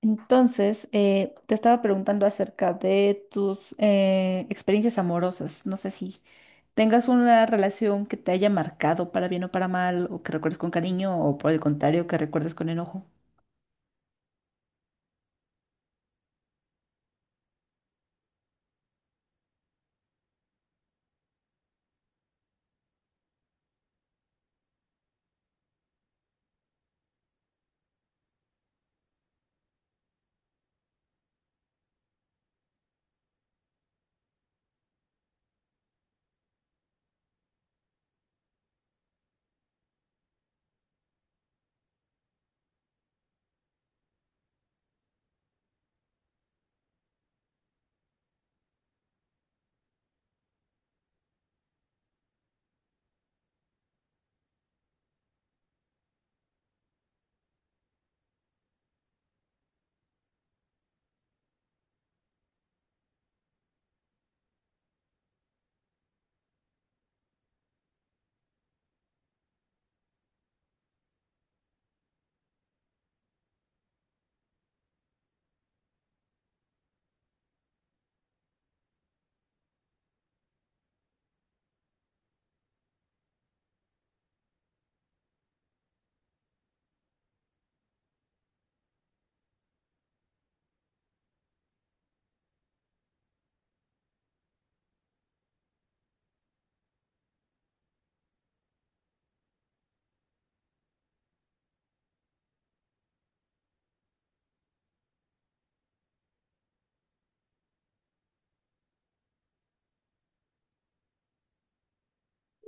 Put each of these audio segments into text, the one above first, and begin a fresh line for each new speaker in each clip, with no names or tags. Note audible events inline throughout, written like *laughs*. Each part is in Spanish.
Entonces, te estaba preguntando acerca de tus experiencias amorosas. No sé si tengas una relación que te haya marcado para bien o para mal, o que recuerdes con cariño, o por el contrario, que recuerdes con enojo.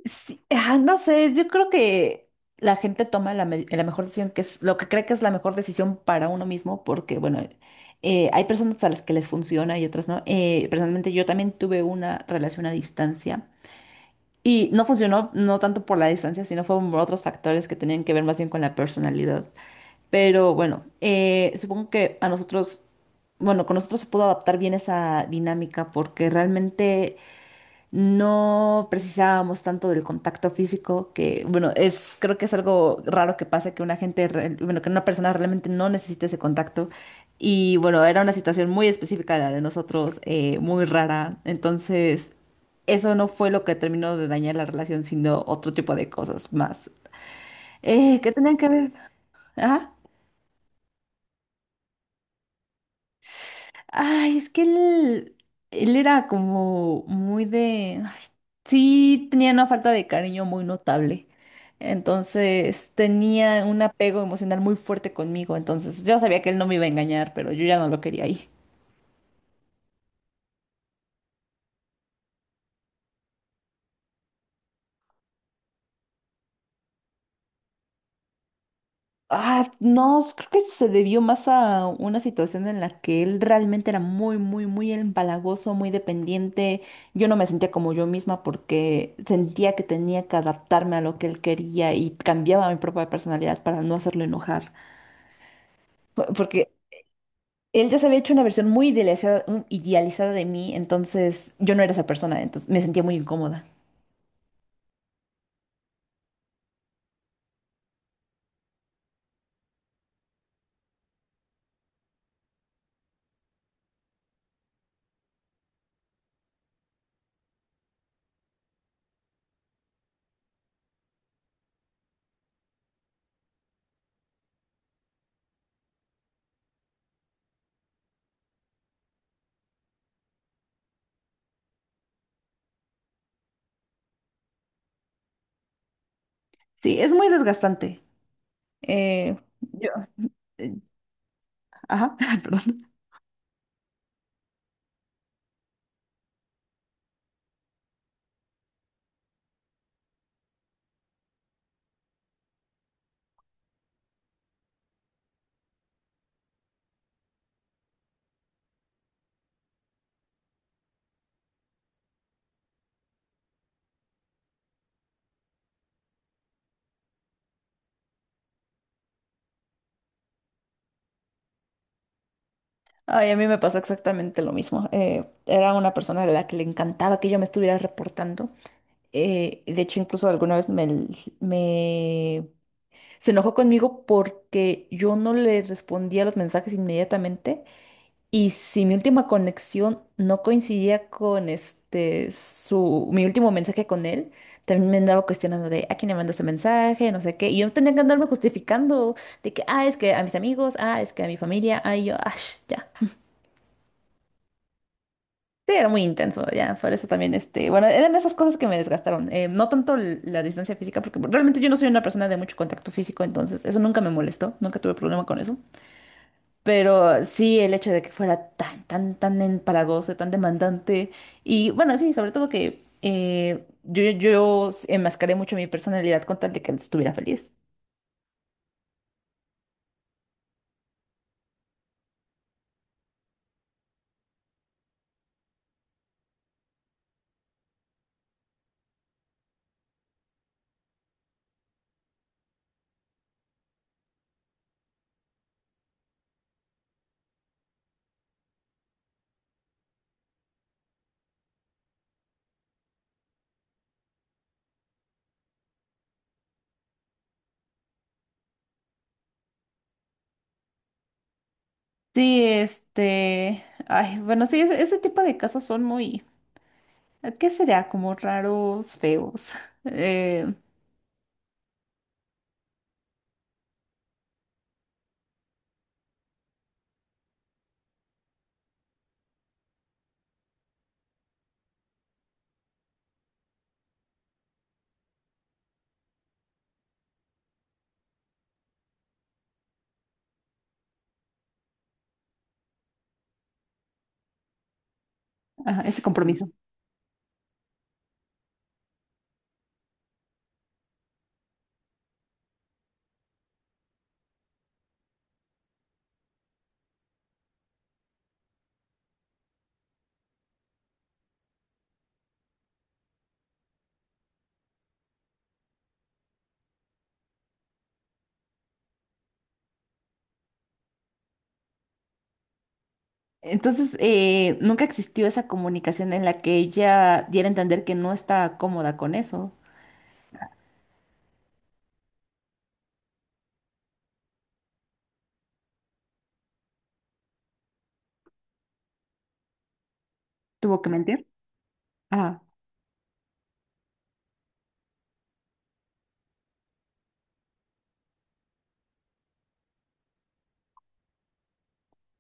Sí, no sé, yo creo que la gente toma la mejor decisión, que es lo que cree que es la mejor decisión para uno mismo, porque, bueno, hay personas a las que les funciona y otras no. Personalmente, yo también tuve una relación a distancia. Y no funcionó no tanto por la distancia, sino fueron por otros factores que tenían que ver más bien con la personalidad. Pero bueno, supongo que a nosotros, bueno, con nosotros se pudo adaptar bien esa dinámica porque realmente no precisábamos tanto del contacto físico, que bueno, es, creo que es algo raro que pase que una bueno, que una persona realmente no necesite ese contacto. Y bueno, era una situación muy específica la de nosotros, muy rara. Entonces, eso no fue lo que terminó de dañar la relación, sino otro tipo de cosas más. ¿Qué tenían que ver? Ajá. Ay, él era como muy de... ay, sí, tenía una falta de cariño muy notable. Entonces tenía un apego emocional muy fuerte conmigo. Entonces yo sabía que él no me iba a engañar, pero yo ya no lo quería ahí. Ah, no, creo que se debió más a una situación en la que él realmente era muy, muy, muy empalagoso, muy dependiente. Yo no me sentía como yo misma porque sentía que tenía que adaptarme a lo que él quería y cambiaba mi propia personalidad para no hacerlo enojar. Porque él ya se había hecho una versión muy idealizada, idealizada de mí, entonces yo no era esa persona, entonces me sentía muy incómoda. Sí, es muy desgastante. Eh, yo, eh, ajá, *laughs* perdón. Ay, a mí me pasó exactamente lo mismo. Era una persona a la que le encantaba que yo me estuviera reportando. De hecho, incluso alguna vez me- se enojó conmigo porque yo no le respondía los mensajes inmediatamente. Y si mi última conexión no coincidía con este su mi último mensaje con él, también me andaba cuestionando de a quién le mandó este mensaje, no sé qué. Y yo tenía que andarme justificando de que ah, es que a mis amigos, ah, es que a mi familia, ah, y yo, ah, ya. Sí, era muy intenso, ya, por eso también, este, bueno, eran esas cosas que me desgastaron, no tanto la distancia física, porque realmente yo no soy una persona de mucho contacto físico, entonces eso nunca me molestó, nunca tuve problema con eso, pero sí el hecho de que fuera tan, tan, tan empalagoso, tan demandante, y bueno, sí, sobre todo que yo enmascaré mucho mi personalidad con tal de que él estuviera feliz. Sí, este, ay, bueno, sí, ese tipo de casos son muy, ¿qué será? Como raros, feos. *laughs* Eh, Ajá, ese compromiso. Entonces, nunca existió esa comunicación en la que ella diera a entender que no está cómoda con eso. ¿Tuvo que mentir? Ah,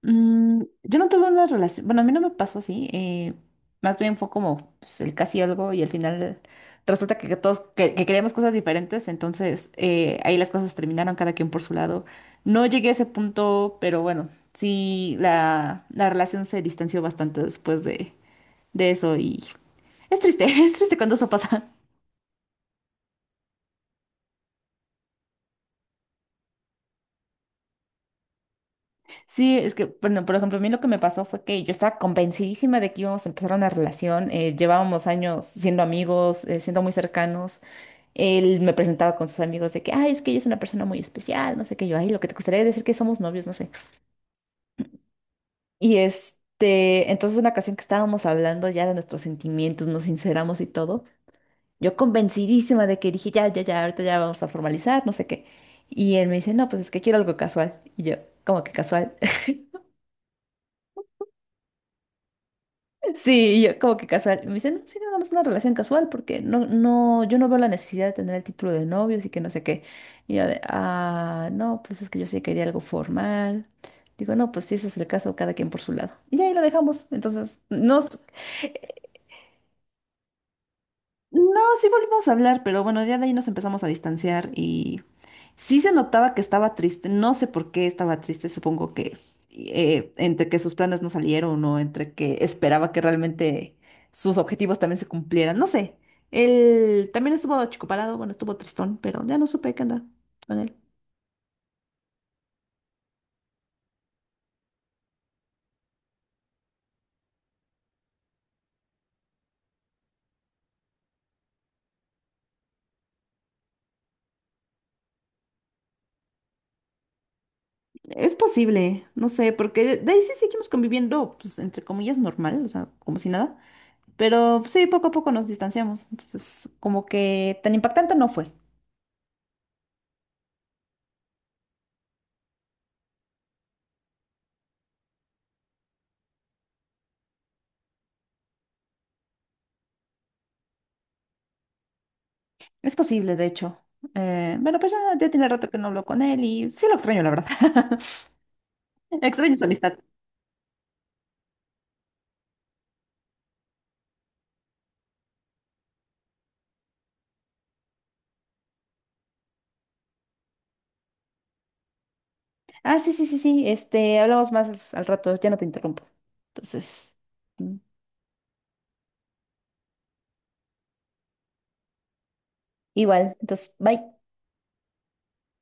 mm, yo no tuve una relación, bueno, a mí no me pasó así. Más bien fue como pues, el casi algo y al final resulta que todos que queríamos cosas diferentes, entonces ahí las cosas terminaron cada quien por su lado. No llegué a ese punto, pero bueno, sí, la relación se distanció bastante después de eso. Es triste, *laughs* es triste cuando eso pasa. Sí, es que, bueno, por ejemplo, a mí lo que me pasó fue que yo estaba convencidísima de que íbamos a empezar una relación. Llevábamos años siendo amigos, siendo muy cercanos. Él me presentaba con sus amigos de que, ay, es que ella es una persona muy especial, no sé qué yo, ay, lo que te gustaría decir que somos novios, no sé. Y este, entonces una ocasión que estábamos hablando ya de nuestros sentimientos, nos sinceramos y todo, yo convencidísima de que dije, ya, ya, ya, ahorita ya vamos a formalizar, no sé qué. Y él me dice, no, pues es que quiero algo casual. Y yo, ¿cómo que casual? Sí, y yo como que casual. Y me dice no, sí, nada más una relación casual, porque no, no, yo no veo la necesidad de tener el título de novio, así que no sé qué. Y yo de, ah, no, pues es que yo sí quería algo formal. Digo, no, pues si ese es el caso, cada quien por su lado. Y ahí lo dejamos. Entonces, no, no, sí volvimos a hablar, pero bueno, ya de ahí nos empezamos a distanciar y sí se notaba que estaba triste. No sé por qué estaba triste, supongo que entre que sus planes no salieron o entre que esperaba que realmente sus objetivos también se cumplieran. No sé. Él también estuvo achicopalado, bueno, estuvo tristón, pero ya no supe qué anda con él. Es posible, no sé, porque de ahí sí seguimos conviviendo, pues entre comillas, normal, o sea, como si nada. Pero sí, poco a poco nos distanciamos. Entonces, como que tan impactante no fue. Es posible, de hecho. Bueno, pues ya, ya tiene rato que no hablo con él y sí lo extraño, la verdad. *laughs* Extraño su amistad. Ah, sí, sí, sí, sí. Este, hablamos más al rato, ya no te interrumpo. Entonces, mm, igual. Entonces, bye.